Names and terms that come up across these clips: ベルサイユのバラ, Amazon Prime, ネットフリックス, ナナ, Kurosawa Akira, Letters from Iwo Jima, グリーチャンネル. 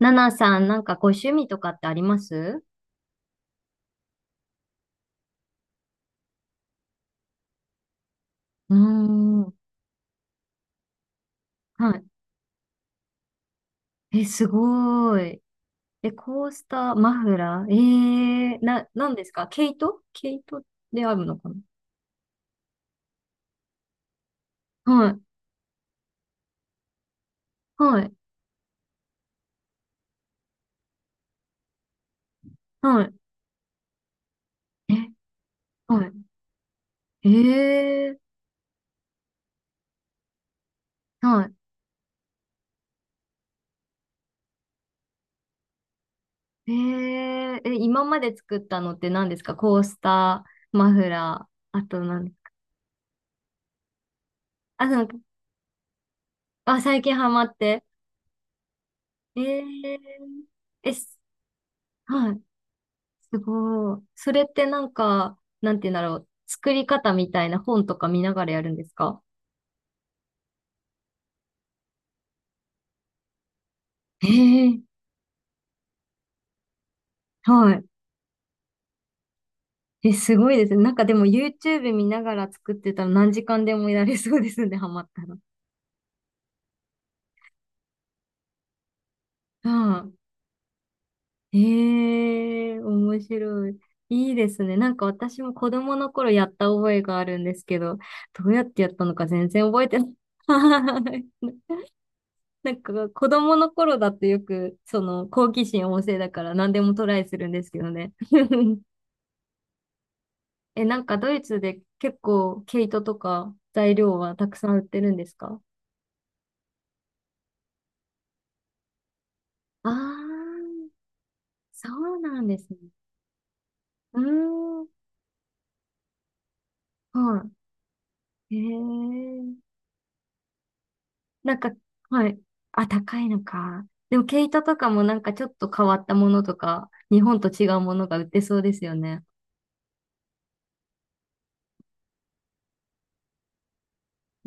ナナさん、なんかご趣味とかってあります？うーん。はい。え、すごい。え、コースター、マフラー、なんですか？毛糸、毛糸であるのかな？はい。はい。はい。え、はい。はい。今まで作ったのって何ですか？コースター、マフラー、あと何？あ、なんか、あ、最近ハマって。えー、え、すはい。すごい。それってなんか、なんて言うんだろう。作り方みたいな本とか見ながらやるんですか？ええ。はい。え、すごいですね。なんかでも YouTube 見ながら作ってたら何時間でもやれそうですね、ハマったら。はい。ええ、面白い。いいですね。なんか私も子供の頃やった覚えがあるんですけど、どうやってやったのか全然覚えてない。はい。なんか子供の頃だってよくその好奇心旺盛だから何でもトライするんですけどね。え、なんかドイツで結構毛糸とか材料はたくさん売ってるんですか？ああー、そうなんですね。うーん、はい。へえ。なんか、はい。あ、高いのか。でも毛糸とかもなんかちょっと変わったものとか、日本と違うものが売ってそうですよね。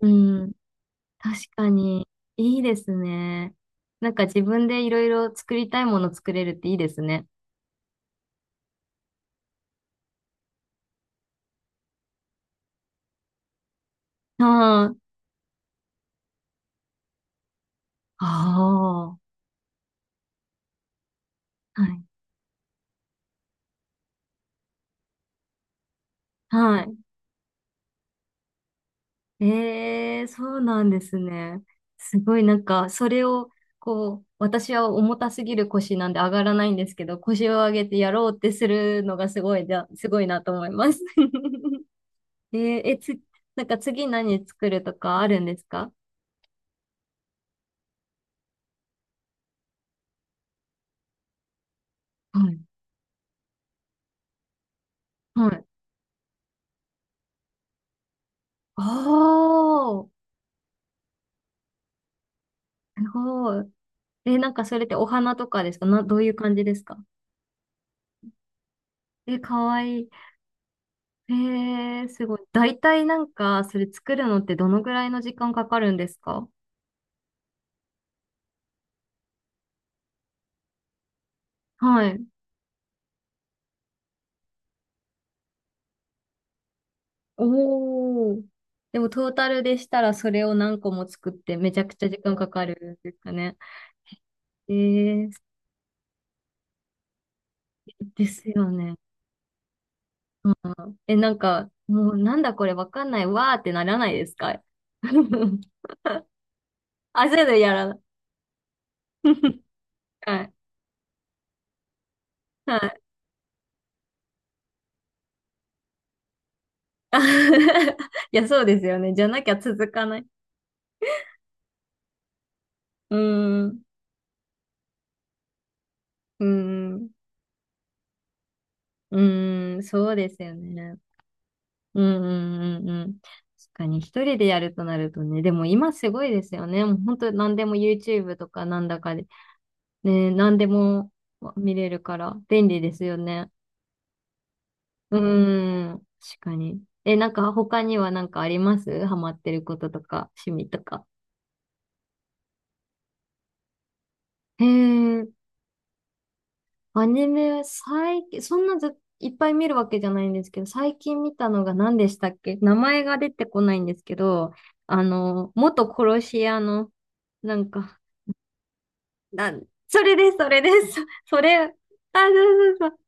うん。確かに、いいですね。なんか自分でいろいろ作りたいもの作れるっていいですね。あー、あー、はい、はい。ええ、そうなんですね。すごいなんか、それを、こう、私は重たすぎる腰なんで上がらないんですけど、腰を上げてやろうってするのがすごいなと思います。えー、え、つ、なんか次何作るとかあるんですか？はい。はい。ああ、すごい。え、なんかそれってお花とかですか？どういう感じですか？え、かわいい。えすごい。大体なんか、それ作るのってどのぐらいの時間かかるんですか？はい。おー。でもトータルでしたらそれを何個も作ってめちゃくちゃ時間かかるんですかね。えー、ですよね。うん。え、なんか、もうなんだこれわかんないわーってならないですか？ 焦るやらない。はい。はい。あ、 いや、そうですよね。じゃなきゃ続かない。うーん、うーん、うーん、そうですよね。うん、うん、うん、うん。確かに、一人でやるとなるとね、でも今すごいですよね。もう本当何でも YouTube とかなんだかで、ね、何でも見れるから便利ですよね。うーん、確かに。え、なんか他にはなんかあります？ハマってることとか、趣味とか。へー。アニメは最近、そんなず、いっぱい見るわけじゃないんですけど、最近見たのが何でしたっけ？名前が出てこないんですけど、元殺し屋の、なんか、な、それです、それです、それ、あ、そうそうそう、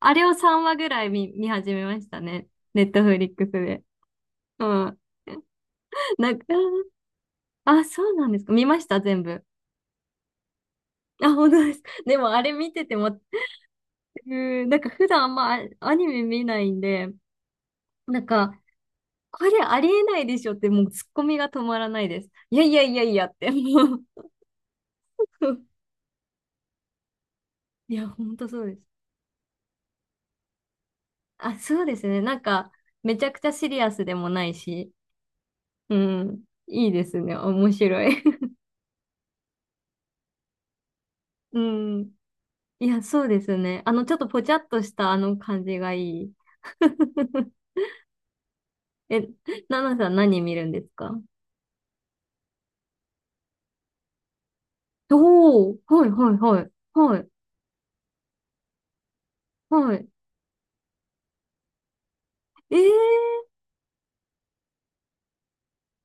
あれを3話ぐらい見始めましたね。ネットフリックスで。うん。なんか、あ、そうなんですか？見ました、全部。あ、本当です。でも、あれ見てても、うん、なんか普段あんまアアニメ見ないんで、なんか、これありえないでしょって、もうツッコミが止まらないです。いやいやいやいやって、もう。 いや、ほんとそうです。あ、そうですね。なんか、めちゃくちゃシリアスでもないし、うん、いいですね。面白い。 うん。いや、そうですね。ちょっとぽちゃっとしたあの感じがいい。え、ナナさん何見るんですか？おおー、はいはいはい、はい、はい。えー、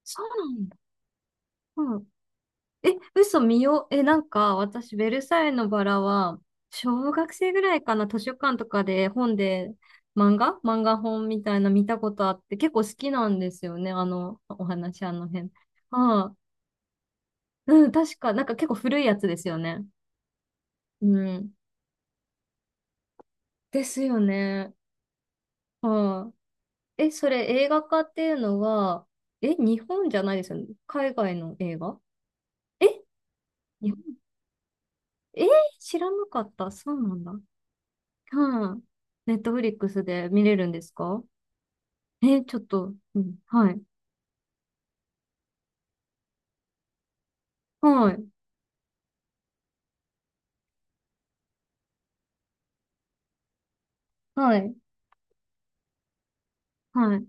そうなんだ。え、嘘。見よう。え、なんか、私、ベルサイユのバラは、小学生ぐらいかな、図書館とかで本で、漫画本みたいな見たことあって、結構好きなんですよね、あの、お話、あの辺。ああ、うん、確か、なんか結構古いやつですよね。うん。ですよね。ああ。え、それ映画化っていうのは、え、日本じゃないですよね。海外の映画？え、日本？えー知らなかった。そうなんだ。はい。ネットフリックスで見れるんですか？え、ちょっと、うん、はい。はい。はい。はい。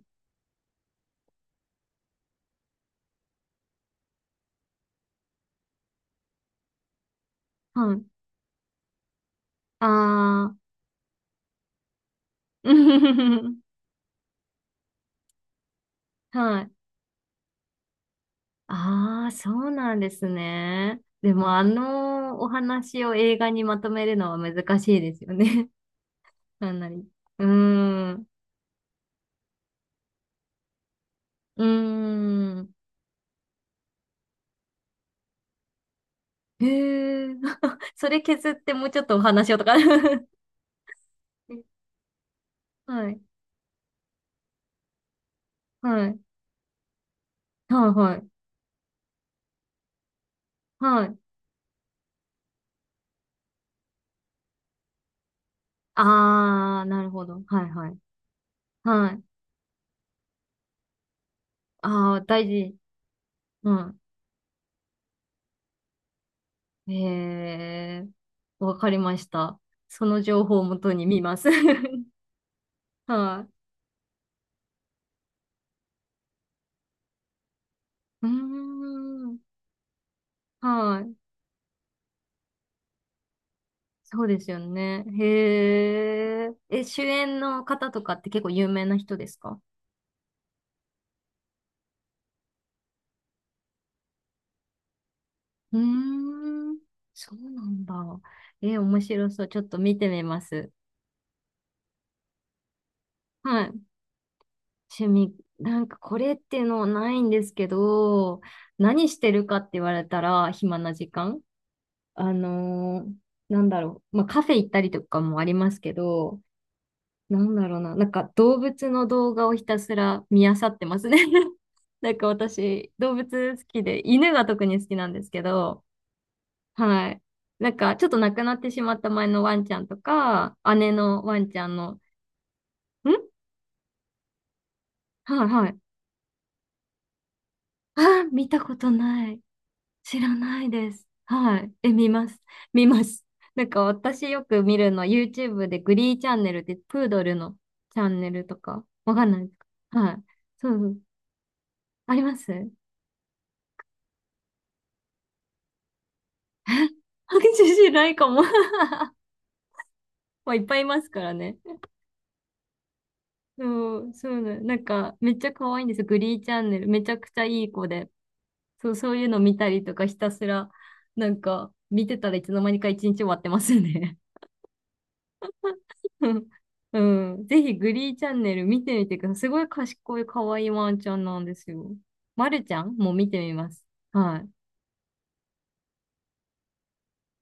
はい。あー。はい。あー、そうなんですね。でも、あのお話を映画にまとめるのは難しいですよね。かなり。うーん。うーん。へえ。それ削ってもうちょっとお話をとか。はい。はい。はい。はい。はい。あー、なるほど。はいはい。はい。ああ、大事。うん。ええ、わかりました。その情報をもとに見ます。はい。うーん。はい。そうですよね。へえ。え、主演の方とかって結構有名な人ですか？うーん。そうなんだ。え、面白そう。ちょっと見てみます。はい。趣味、なんかこれっていうのはないんですけど、何してるかって言われたら、暇な時間、あのーなんだろう、まあ、カフェ行ったりとかもありますけど、なんだろうな、なんか動物の動画をひたすら見漁ってますね。 なんか私、動物好きで、犬が特に好きなんですけど、はい。なんかちょっと亡くなってしまった前のワンちゃんとか、姉のワンちゃんの、ん。はいはい。あー、見たことない。知らないです。はい。え、見ます。見ます。なんか私よく見るの、YouTube でグリーチャンネルってプードルのチャンネルとか、わかんないですか？はい。そうそう。あります？知らないかも。まあ、いっぱいいますからね。そう、なんか、めっちゃ可愛いんですよ。グリーチャンネル。めちゃくちゃいい子で。そう、そういうの見たりとか、ひたすら、なんか、見てたらいつの間にか一日終わってますね。うん。うん、ぜひグリーチャンネル見てみてください。すごい賢い可愛いワンちゃんなんですよ。まるちゃんも見てみます。はい。